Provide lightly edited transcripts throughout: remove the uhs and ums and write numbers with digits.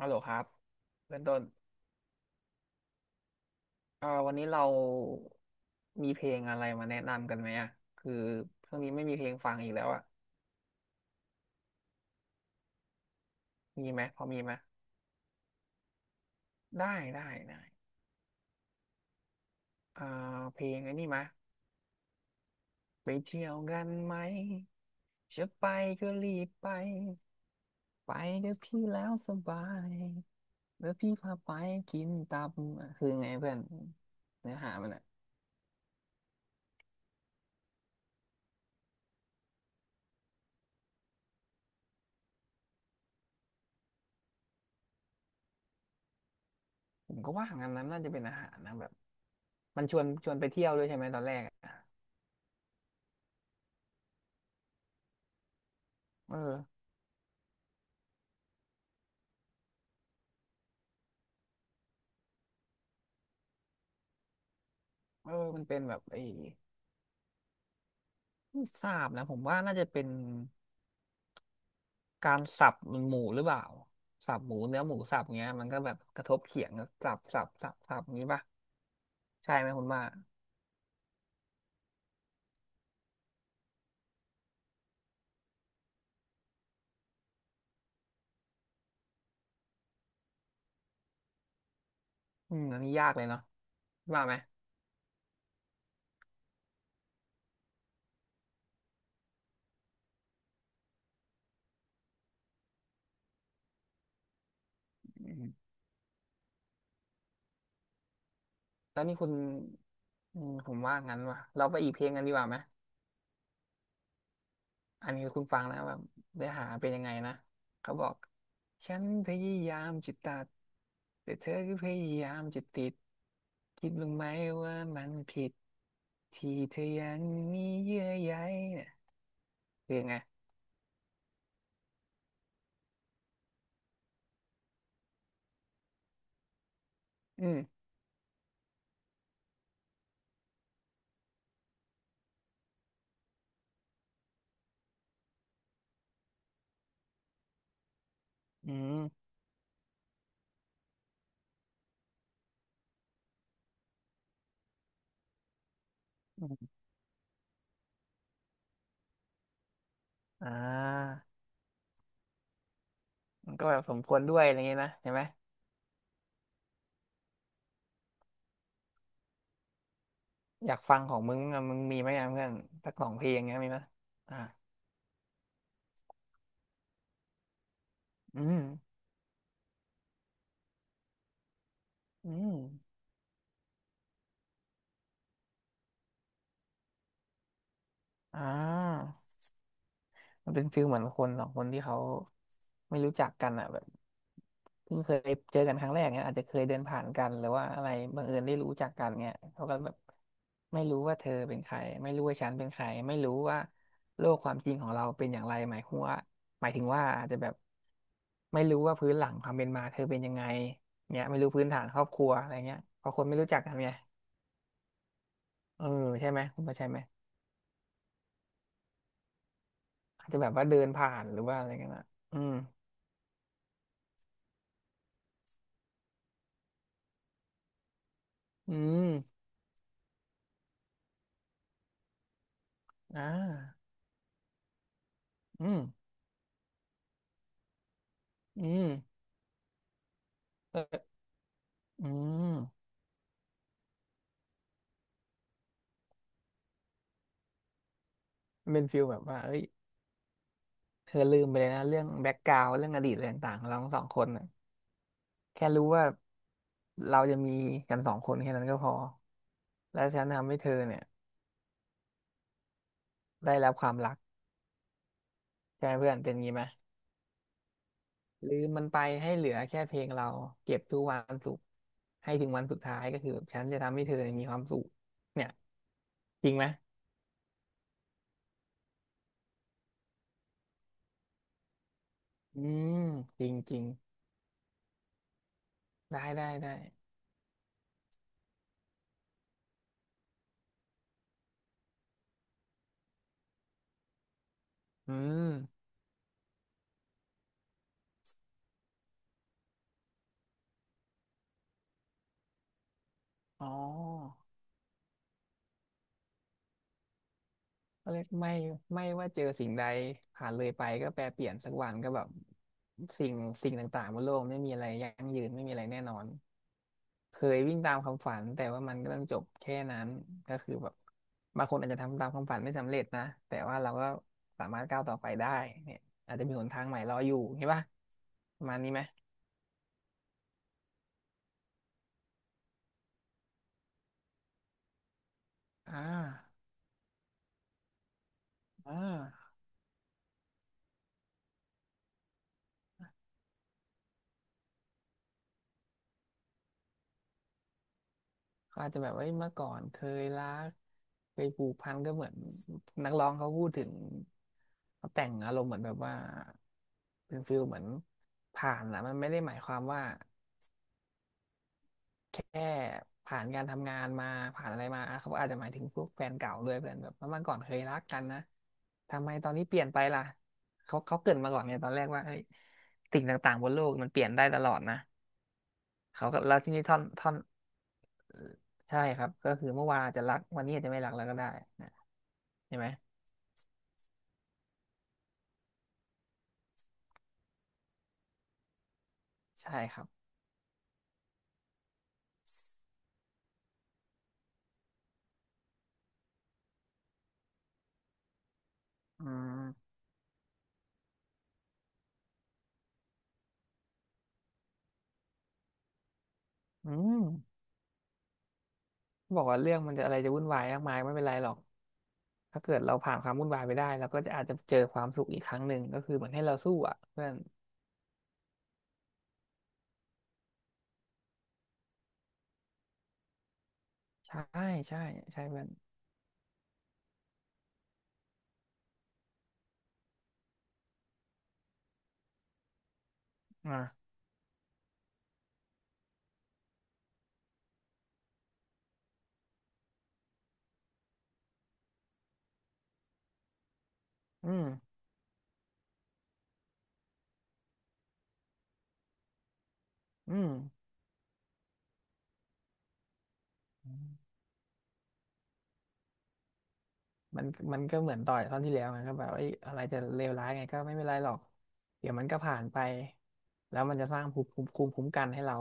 ฮัลโหลครับเป็นต้นวันนี้เรามีเพลงอะไรมาแนะนำกันไหมอ่ะคือช่วงนี้ไม่มีเพลงฟังอีกแล้วอ่ะมีไหมพอมีไหมได้ได้ได้เอ่เพลงไอ้นี่ไหมไปเที่ยวกันไหมจะไปก็รีบไปไปเดี๋ยวพี่แล้วสบายเดี๋ยวพี่พาไปกินตับอ่ะคือไงเพื่อนเนื้อหามันอ่ะผมก็ว่างั้นนั้นน่าจะเป็นอาหารนะแบบมันชวนชวนไปเที่ยวด้วยใช่ไหมตอนแรกอ่ะเออ เออมันเป็นแบบไอ้ไม่ทราบนะผมว่าน่าจะเป็นการสับมันหมูหรือเปล่าสับหมูเนื้อหมูสับเงี้ยมันก็แบบกระทบเขียงก็สับสับสับสับอย่างงี้ป่ะใช่ไหมคุณว่าอืมอันนี้ยากเลยเนาะว่าไหมอืมแล้วนี่คุณอืมผมว่างั้นว่ะเราไปอีกเพลงกันดีกว่าไหม อันนี้คุณฟังนะแบบเนื้อหาเป็นยังไงนะเขาบอกฉันพยายามจิตตัดแต่เธอก็พยายามจะติดคิดบ้างไหมว่ามันผิดที่เธอยังมีเยื่อใยเนี่ยคือไงอืมอืมอืมอ่ามันก็แบบสมควรด้วยอะไรเงี้ยนะใช่ไหมอยากฟังของมึงอะมึงมีไหมอะเพื่อนสักสองเพลงเงี้ยมีไหมยอ่าอืมอืมอ่า มันเป็นฟิลเหมือนคนสองคนที่เขาไม่รู้จักกันอ่ะแบบเพิ่งเคยเจอกันครั้งแรกเนี้ยอาจจะเคยเดินผ่านกันหรือว่าอะไรบังเอิญได้รู้จักกันเนี้ยเขาก็แบบไม่รู้ว่าเธอเป็นใครไม่รู้ว่าฉันเป็นใครไม่รู้ว่าโลกความจริงของเราเป็นอย่างไรหมายหัวาหมายถึงว่าอาจจะแบบไม่รู้ว่าพื้นหลังความเป็นมาเธอเป็นยังไงเนี้ยไม่รู้พื้นฐานครอบครัวอะไรเงี้ยเพราะคนไม่รู้จักกันไงเออใช่ไหมคุณว่าใช่ไหมอาจจะแบบว่าเดินผ่านหรือว่าอะไรกันอ่ะอืมอืมอ่า อืมอืมเอออืมมันเป็นฟิลแบบว่าเอ้ยเธอลืมไปเลยนะเรื่องแบ็กกราว n ์เรื่องอดีตอะไรต่างๆของเราทั้งสองคนน่ะแค่รู้ว่าเราจะมีกันสองคนแค่นั้นก็พอแล้วฉันทำให้เธอเนี่ยได้รับความรักใช่ไหมเพื่อนเป็นงี้ไหมลืมมันไปให้เหลือแค่เพลงเราเก็บทุกวันสุขให้ถึงวันสุดท้ายก็คือแบบฉันจะทำให้เธอเนี่ยมีความสุขเนี่ยจริงไหมอืมจริงจริงได้ได้ได้อืมอ๋อ ก็เลยไม่ไม่ว่าเจอสิ่งใดผ่านเลยไปก็แปรเปลี่ยนสักวันก็แบบสิ่งสิ่งต่างๆบนโลกไม่มีอะไรยั่งยืนไม่มีอะไรแน่นอนเคยวิ่งตามความฝันแต่ว่ามันก็ต้องจบแค่นั้นก็คือแบบบางคนอาจจะทำตามความฝันไม่สำเร็จนะแต่ว่าเราก็สามารถก้าวต่อไปได้เนี่ยอาจจะมีหนทางใหม่รออยู่เห็นปะประมาณนี้ไหมอ่าอ่า เขาอาจจะแบบว่าเมื่อก่อนเคยรักเคยผูกพันก็เหมือนนักร้องเขาพูดถึงเขาแต่งอารมณ์เหมือนแบบว่าเป็นฟิลเหมือนผ่านนะมันไม่ได้หมายความว่าแค่ผ่านการทำงานมาผ่านอะไรมาอ่ะเขาอาจจะหมายถึงพวกแฟนเก่าด้วยเพื่อนแบบว่าเมื่อก่อนเคยรักกันนะทำไมตอนนี้เปลี่ยนไปล่ะเขาเกรินมาก่อนไงตอนแรกว่าเฮ้ยสิ่งต่างๆบนโลกมันเปลี่ยนได้ตลอดนะเขาก็แล้วที่นี่ท่อน ใช่ครับก็คือเมื่อวานอาจจะรักวันนี้อาจจะไม่รักแล้วก็ได้นะใช่ไหมใช่ครับอืมอืมบอกว่าเรื่องมันจะอะไรจะวุ่นวายมากมายไม่เป็นไรหรอกถ้าเกิดเราผ่านความวุ่นวายไปได้เราก็จะอาจจะเจอความสุขอีกครั้งหนึ่งก็คือเหมือนให้เราสู้อ่ะเพื่อนใช่ใช่ใช่เพื่อนอ่าอืมอืมมันมันก็เหมือนต่อยตอนที่แล้วไงก็แบบไอ้ยอะไรจะเลวร้ายไงก็ไม่เป็นไรหรอกเดี๋ยวมันก็ผ่านไปแล้วมันจะสร้างภูมิคุ้มกันให้เรา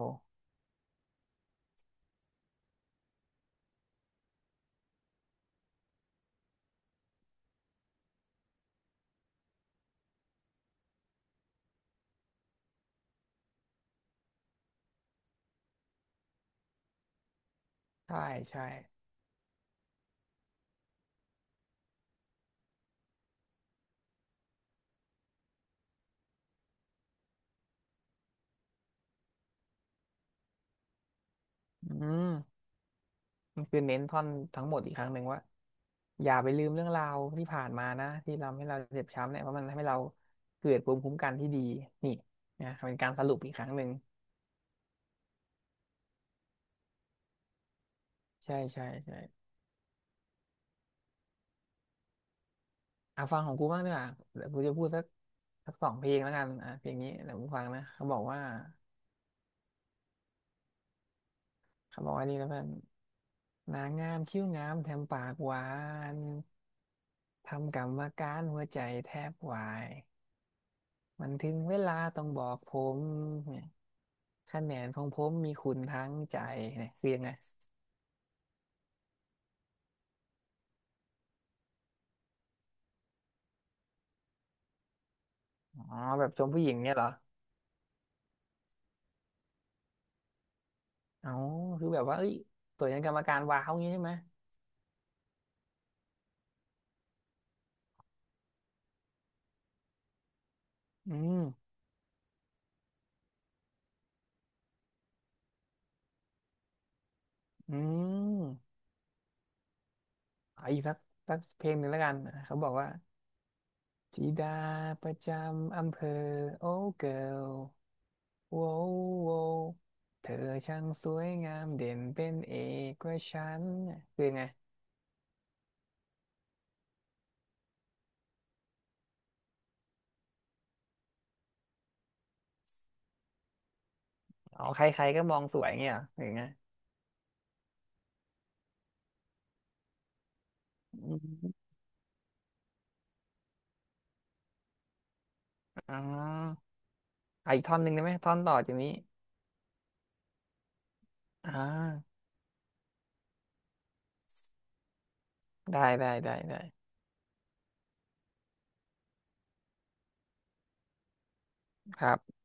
ใช่ใช่ อืมมันคือเน้นท่อนทั้งหมดอีกครั้งหนึ่งว่าอย่าไปลืมเรื่องราวที่ผ่านมานะที่ทำให้เราเจ็บช้ำเนี่ยเพราะมันทำให้เราเกิดภูมิคุ้มกันที่ดีนี่นะเป็นการสรุปอีกครั้งหนึ่งใช่ใช่ใช่อ่ะฟังของกูบ้างดีกว่าเดี๋ยวกูจะพูดสักสักสองเพลงแล้วกันอ่ะเพลงนี้เดี๋ยวกูฟังนะเขาบอกว่าเขาบอกว่านี่แล้วกันนางงามคิ้วงามแถมปากหวานทำกรรมการหัวใจแทบวายมันถึงเวลาต้องบอกผม คะแนนของผมมีคุณทั้งใจเนี่ยคือยังไงอ๋อแบบชมผู้หญิงเนี่ยเหรออ๋อคือแบบว่าเอ้ยตัวยันกรรมการว้าวอย่างงี้ใช่ไหมอืมอืมเอาอีกสักสักเพลงหนึ่งแล้วกันเขาบอกว่าธิดาประจำอำเภอโอ้เกิร์ลโว้วโววเธอช่างสวยงามเด่นเป็นเอกกว่าฉันคือยงไงอ๋อใครๆก็มองสวยงเงี้ยเหรอหรือไงอมอ๋ออะอีกท่อนหนึ่งได้ไหมท่อนต่อจากนี้อ่า ได้ได้ได้ได้ครับ